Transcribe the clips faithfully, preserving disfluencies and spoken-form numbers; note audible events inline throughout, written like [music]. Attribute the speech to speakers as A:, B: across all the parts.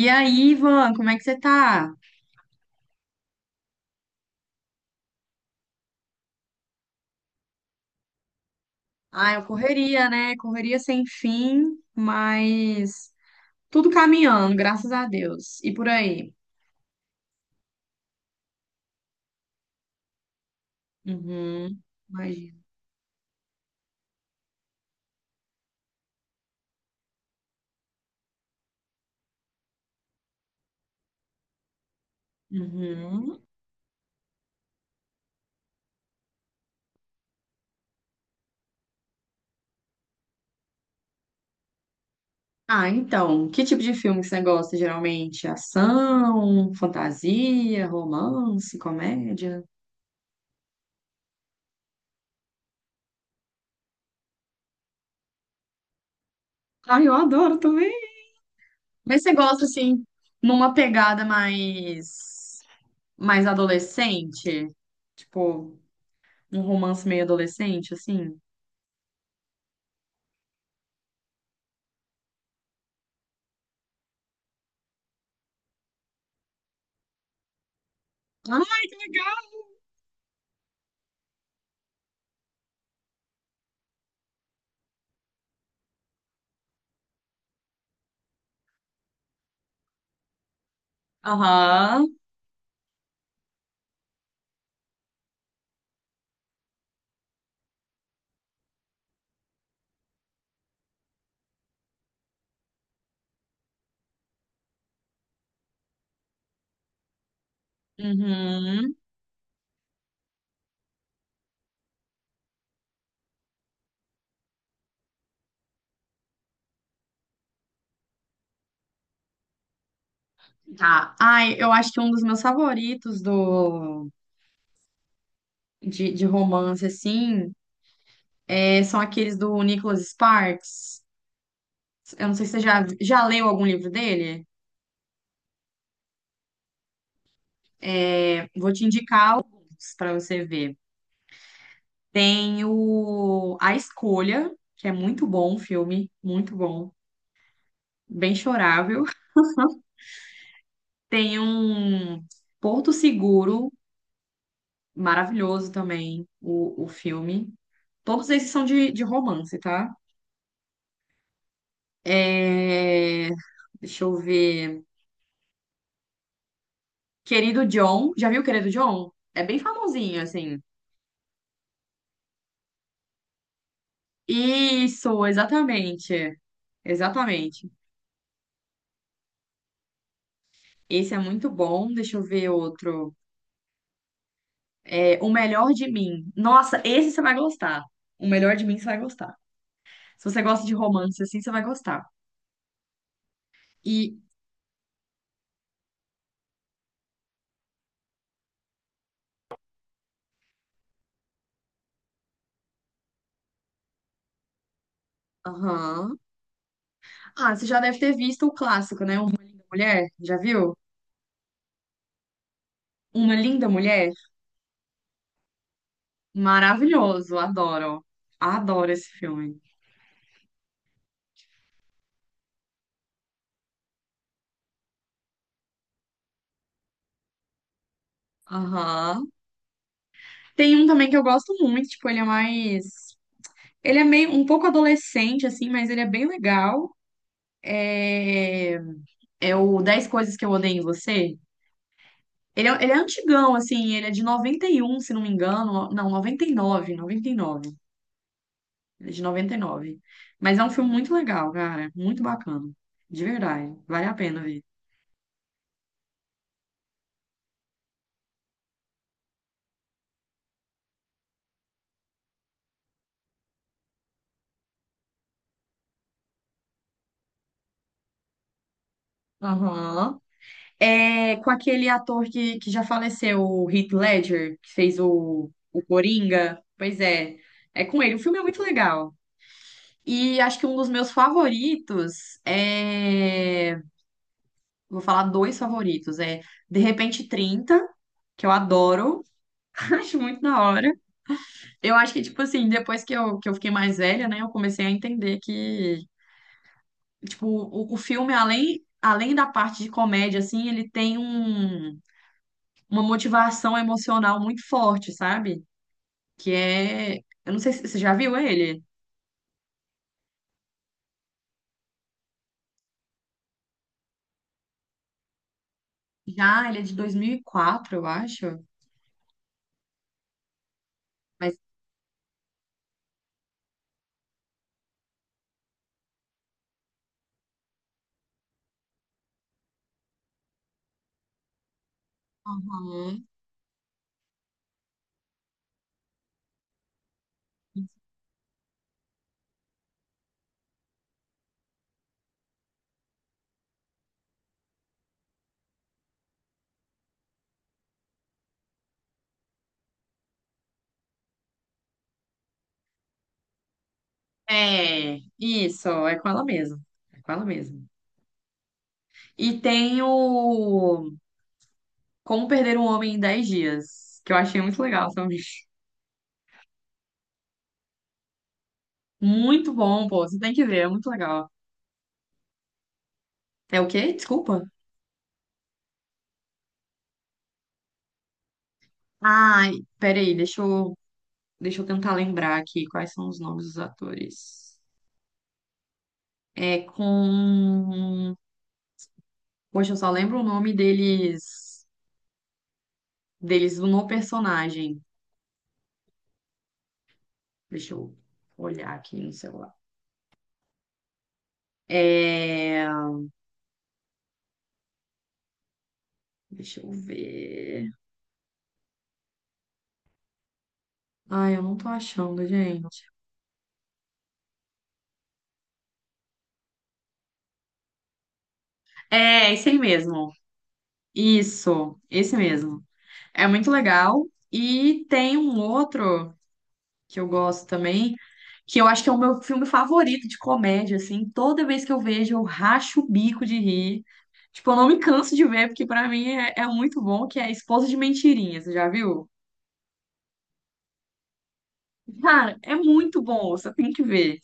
A: E aí, Ivan, como é que você tá? Ah, eu correria, né? Correria sem fim, mas tudo caminhando, graças a Deus. E por aí? Uhum, imagino. Uhum. Ah, então, que tipo de filme que você gosta geralmente? Ação, fantasia, romance, comédia? Ah, eu adoro também. Mas você gosta, assim, numa pegada mais, mais adolescente? Tipo, um romance meio adolescente, assim? Ai, que legal! Aham. Uhum. Tá. Ai, eu acho que um dos meus favoritos do, de, de romance, assim, é- são aqueles do Nicholas Sparks. Eu não sei se você já, já leu algum livro dele. Vou te indicar para você ver. Tem o A Escolha, que é muito bom o filme, muito bom, bem chorável. Tem um Porto Seguro, maravilhoso também o, o filme. Todos esses são de, de romance, tá? É, deixa eu ver. Querido John. Já viu Querido John? É bem famosinho, assim. Isso, exatamente. Exatamente. Esse é muito bom. Deixa eu ver outro. É, O Melhor de Mim. Nossa, esse você vai gostar. O Melhor de Mim você vai gostar. Se você gosta de romance, assim, você vai gostar. E. Aham. Ah, você já deve ter visto o clássico, né? Uma Linda Mulher. Já viu? Uma Linda Mulher? Maravilhoso, adoro. Adoro esse filme. Aham. Tem um também que eu gosto muito, tipo, ele é mais. Ele é meio um pouco adolescente, assim, mas ele é bem legal. É, é o Dez Coisas que eu odeio em você. Ele é, ele é antigão, assim, ele é de noventa e um, se não me engano. Não, noventa e nove, noventa e nove. Ele é de noventa e nove. Mas é um filme muito legal, cara. Muito bacana. De verdade. Vale a pena ver. Aham. É com aquele ator que, que já faleceu, o Heath Ledger, que fez o, o Coringa. Pois é, é com ele. O filme é muito legal. E acho que um dos meus favoritos é. Vou falar dois favoritos. É De Repente Trinta que eu adoro. [laughs] Acho muito da hora. Eu acho que, tipo assim, depois que eu, que eu fiquei mais velha, né, eu comecei a entender que, tipo, o, o filme, além, além da parte de comédia, assim, ele tem um uma motivação emocional muito forte, sabe? Que é. Eu não sei se você já viu ele. Já, ele é de dois mil e quatro, eu acho. Mas. Uhum. É, isso, é com ela mesma. É com ela mesma. E tem o Como Perder um Homem em dez Dias, que eu achei muito legal também. Muito bom, pô, você tem que ver, é muito legal. É o quê? Desculpa. Ai, peraí, deixa eu, deixa eu tentar lembrar aqui quais são os nomes dos atores. É com poxa, eu só lembro o nome deles, deles no personagem. Deixa eu olhar aqui no celular. É... deixa eu ver. Ai, eu não tô achando, gente. É, esse aí mesmo. Isso, esse mesmo. É muito legal. E tem um outro. Que eu gosto também, que eu acho que é o meu filme favorito de comédia, assim. Toda vez que eu vejo, eu racho o bico de rir. Tipo, eu não me canso de ver, porque pra mim é, é muito bom, que é Esposa de Mentirinha, você já viu? Cara, é muito bom, você tem que ver.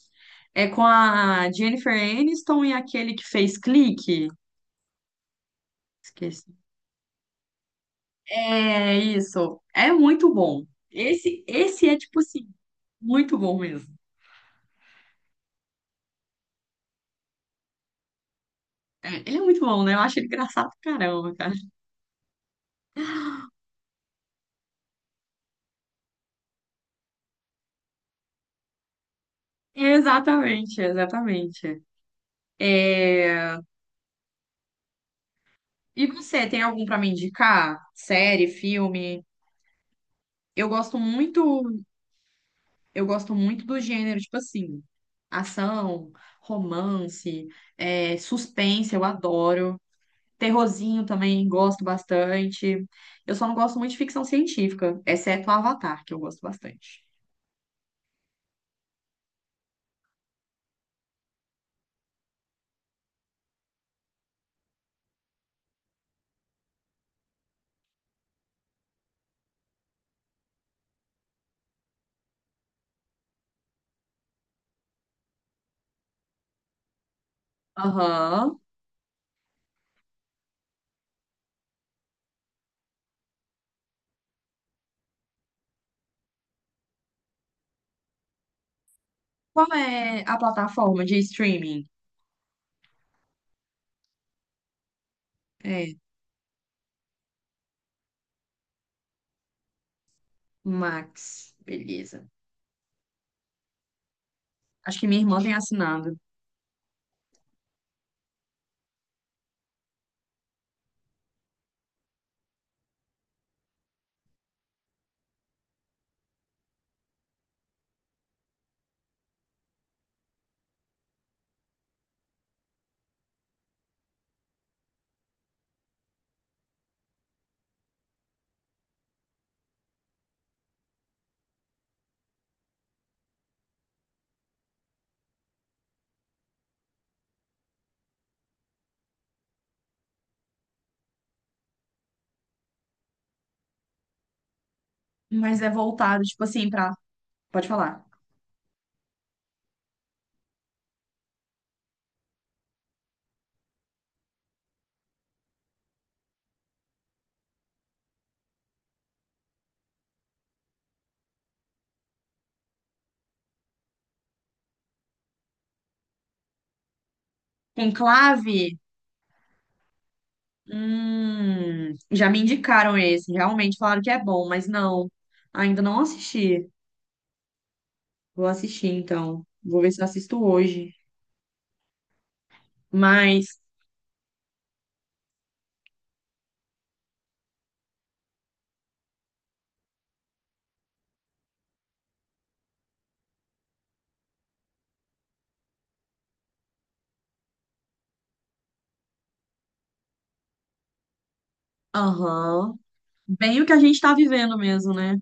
A: É com a Jennifer Aniston e aquele que fez Clique. Esqueci. É isso. É muito bom. Esse, esse é tipo assim, muito bom mesmo. É, ele é muito bom, né? Eu acho ele engraçado pra caramba. Exatamente, exatamente. É, e você, tem algum pra me indicar? Série, filme? Eu gosto muito, eu gosto muito do gênero, tipo assim, ação, romance, é, suspense, eu adoro. Terrorzinho também gosto bastante. Eu só não gosto muito de ficção científica, exceto Avatar, que eu gosto bastante. Aham. Qual é a plataforma de streaming? É, Max, beleza. Acho que minha irmã tem assinado. Mas é voltado, tipo assim, pra. Pode falar. Conclave? Hum, já me indicaram esse. Realmente falaram que é bom, mas não. Ainda não assisti. Vou assistir, então. Vou ver se eu assisto hoje. Mas, aham. Bem o que a gente tá vivendo mesmo, né?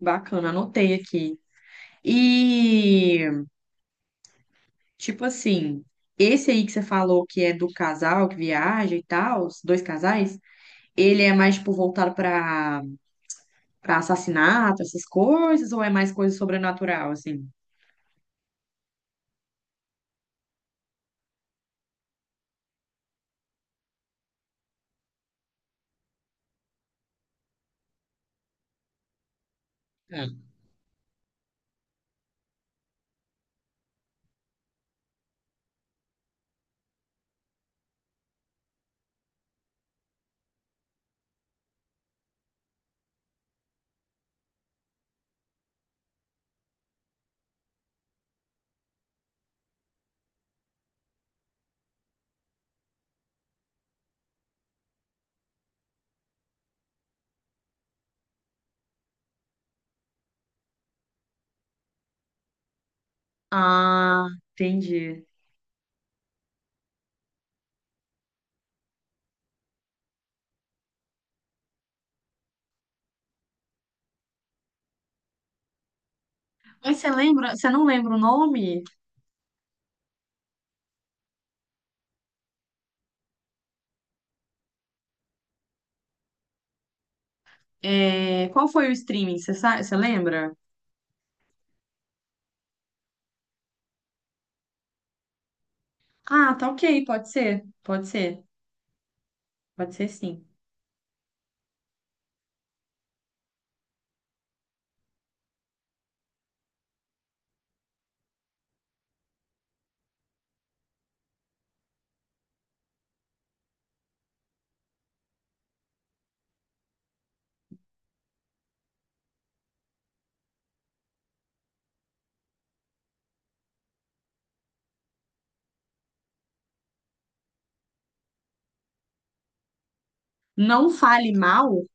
A: Bacana, anotei aqui. E, tipo assim, esse aí que você falou que é do casal que viaja e tal, os dois casais, ele é mais, tipo, voltado pra. Pra assassinato, essas coisas, ou é mais coisa sobrenatural, assim? É. Ah, entendi. Mas você lembra, você não lembra o nome? É, qual foi o streaming? Você sabe, você lembra? Ah, tá ok, pode ser, pode ser, pode ser sim. Não fale mal?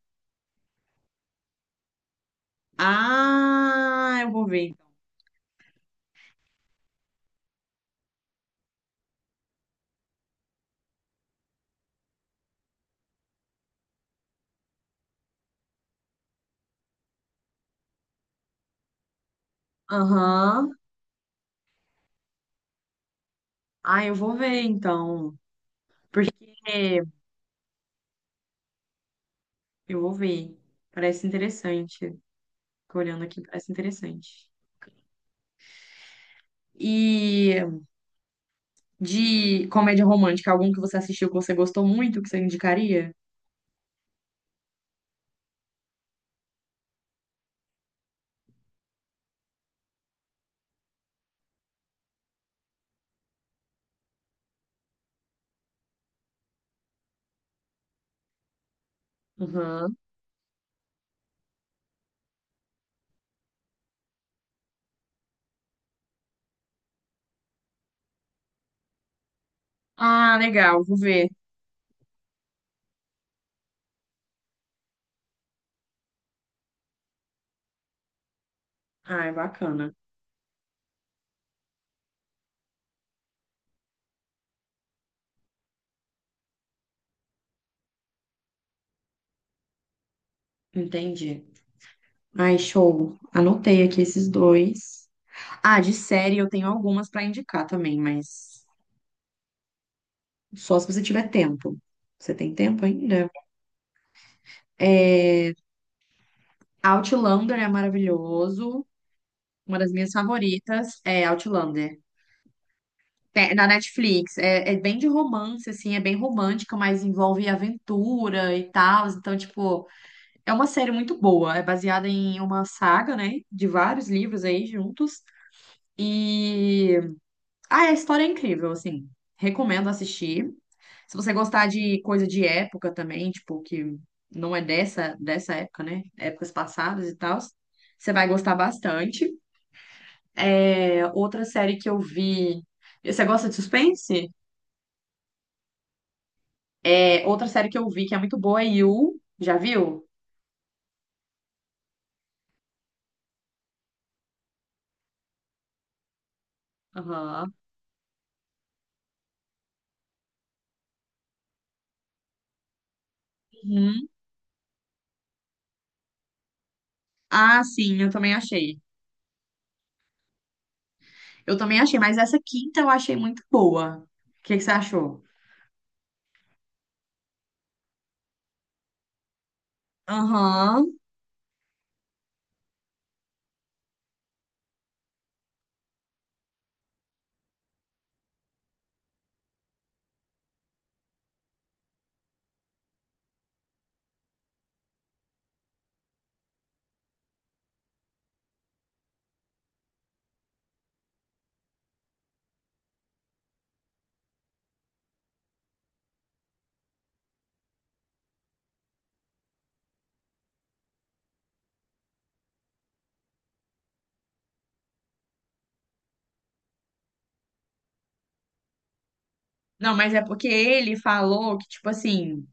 A: Ah, eu vou ver então. Aham. Ah, eu vou ver então. Porque eu vou ver. Parece interessante. Fico olhando aqui, parece interessante. E de comédia romântica, algum que você assistiu que você gostou muito, que você indicaria? Uhum. Ah, legal, vou ver. Ah, é bacana. Entendi. Ai, show. Anotei aqui esses dois. Ah, de série eu tenho algumas pra indicar também, mas só se você tiver tempo. Você tem tempo ainda? É... Outlander é maravilhoso. Uma das minhas favoritas é Outlander. Tem- na Netflix, é, é bem de romance, assim, é bem romântica, mas envolve aventura e tal. Então, tipo, é uma série muito boa. É baseada em uma saga, né? De vários livros aí juntos. E. Ah, a história é incrível, assim. Recomendo assistir. Se você gostar de coisa de época também, tipo, que não é dessa, dessa época, né? Épocas passadas e tal, você vai gostar bastante. É, outra série que eu vi. Você gosta de suspense? É, outra série que eu vi que é muito boa é You. Já viu? Aham. Uhum. Ah, sim, eu também achei. Eu também achei, mas essa quinta eu achei muito boa. O que que você achou? Aham. Não, mas é porque ele falou que, tipo assim,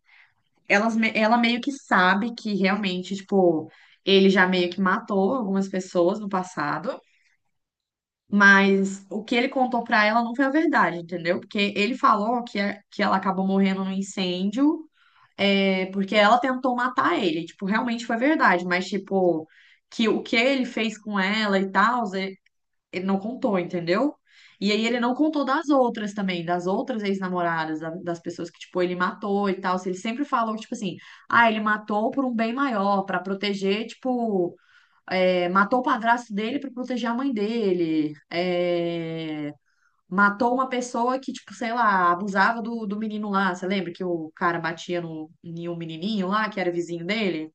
A: elas, me- ela meio que sabe que realmente, tipo, ele já meio que matou algumas pessoas no passado, mas o que ele contou pra ela não foi a verdade, entendeu? Porque ele falou que, a- que ela acabou morrendo num incêndio. É, porque ela tentou matar ele, tipo, realmente foi verdade, mas tipo, que o que ele fez com ela e tal, ele ele não contou, entendeu? E aí ele não contou das outras também, das outras ex-namoradas, da- das pessoas que, tipo, ele matou e tal. Ele sempre falou, tipo assim, ah, ele matou por um bem maior, pra proteger, tipo, é, matou o padrasto dele pra proteger a mãe dele. É, matou uma pessoa que, tipo, sei lá, abusava do, do menino lá. Você lembra que o cara batia no, em um menininho lá, que era vizinho dele?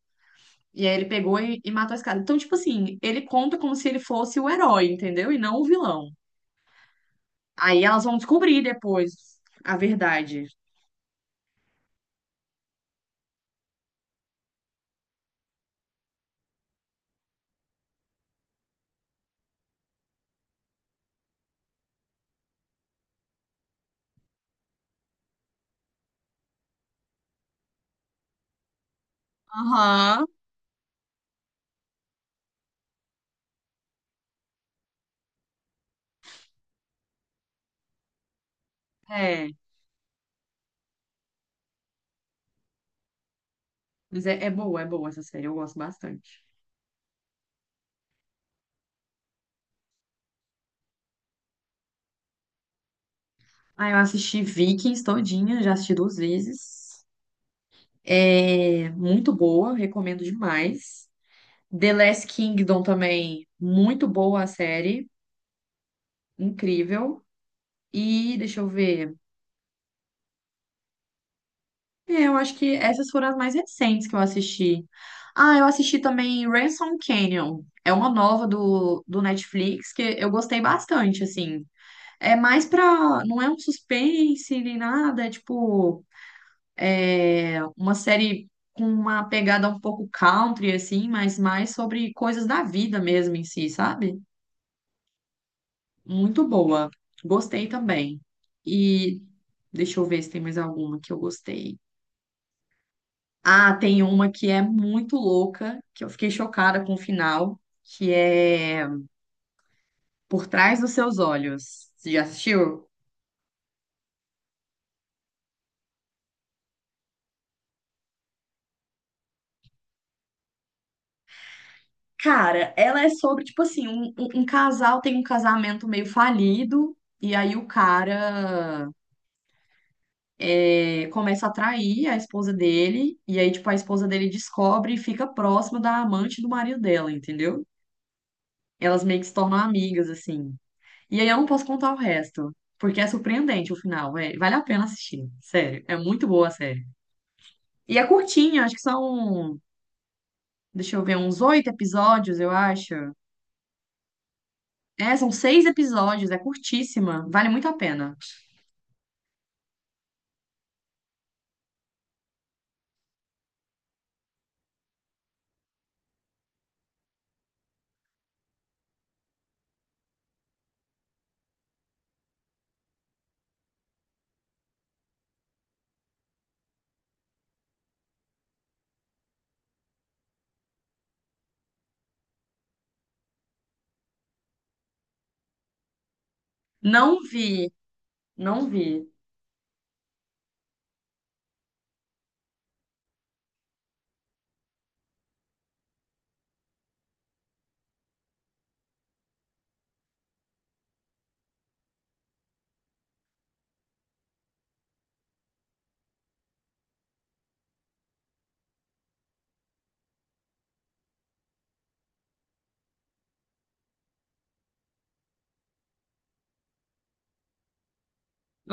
A: E aí ele pegou e, e matou esse cara. Então, tipo assim, ele conta como se ele fosse o herói, entendeu? E não o vilão. Aí elas vão descobrir depois a verdade. Aham. É, mas é, é boa, é boa essa série, eu gosto bastante. Ah, eu assisti Vikings todinha, já assisti duas vezes. É muito boa, recomendo demais. The Last Kingdom também, muito boa a série, incrível. E deixa eu ver. É, eu acho que essas foram as mais recentes que eu assisti. Ah, eu assisti também Ransom Canyon. É uma nova do, do Netflix que eu gostei bastante, assim. É mais pra. Não é um suspense nem nada, é tipo é uma série com uma pegada um pouco country, assim, mas mais sobre coisas da vida mesmo em si, sabe? Muito boa. Gostei também. E deixa eu ver se tem mais alguma que eu gostei. Ah, tem uma que é muito louca, que eu fiquei chocada com o final, que é Por Trás dos Seus Olhos. Você já assistiu? Cara, ela é sobre, tipo assim, um, um- um casal tem um casamento meio falido, e aí o cara é, começa a trair a esposa dele, e aí, tipo, a esposa dele descobre e fica próxima da amante do marido dela, entendeu? Elas meio que se tornam amigas, assim. E aí eu não posso contar o resto, porque é surpreendente o final, é, vale a pena assistir, sério, é muito boa a série. E é curtinha, acho que são, deixa eu ver, uns oito episódios, eu acho. É, são seis episódios, é curtíssima, vale muito a pena. Não vi, não vi.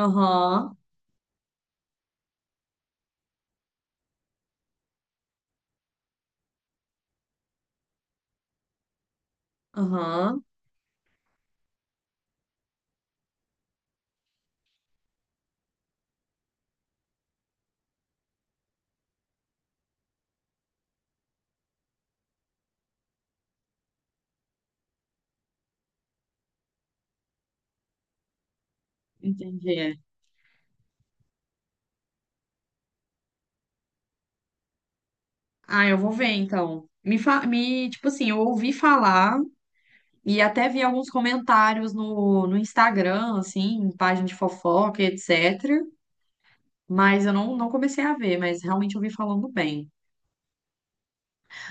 A: Aham, aham, entendi. Ah, eu vou ver então. Me, fa... me, tipo assim, eu ouvi falar, e até vi alguns comentários no, no Instagram, assim, em página de fofoca, etecetera. Mas eu não, não comecei a ver, mas realmente eu vi falando bem.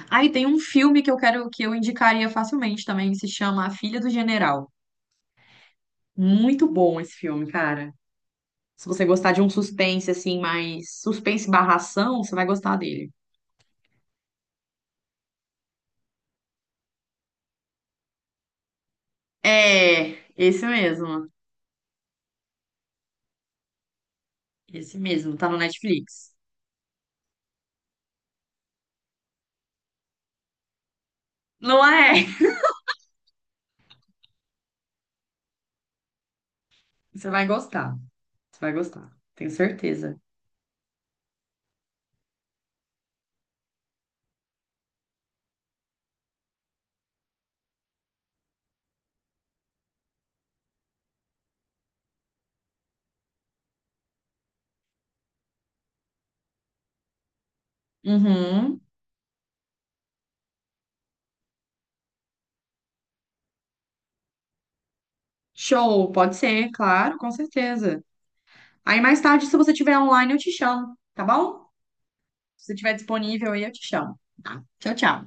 A: Ah, e tem um filme que eu quero que eu indicaria facilmente também, que se chama A Filha do General. Muito bom esse filme, cara. Se você gostar de um suspense, assim, mais suspense barra ação, você vai gostar dele. É, esse mesmo. Esse mesmo, tá no Netflix. Não é? [laughs] Você vai gostar. Você vai gostar, tenho certeza. Uhum. Show, pode ser, claro, com certeza. Aí mais tarde, se você tiver online, eu te chamo, tá bom? Se você estiver disponível aí, eu te chamo. Tá? Tchau, tchau.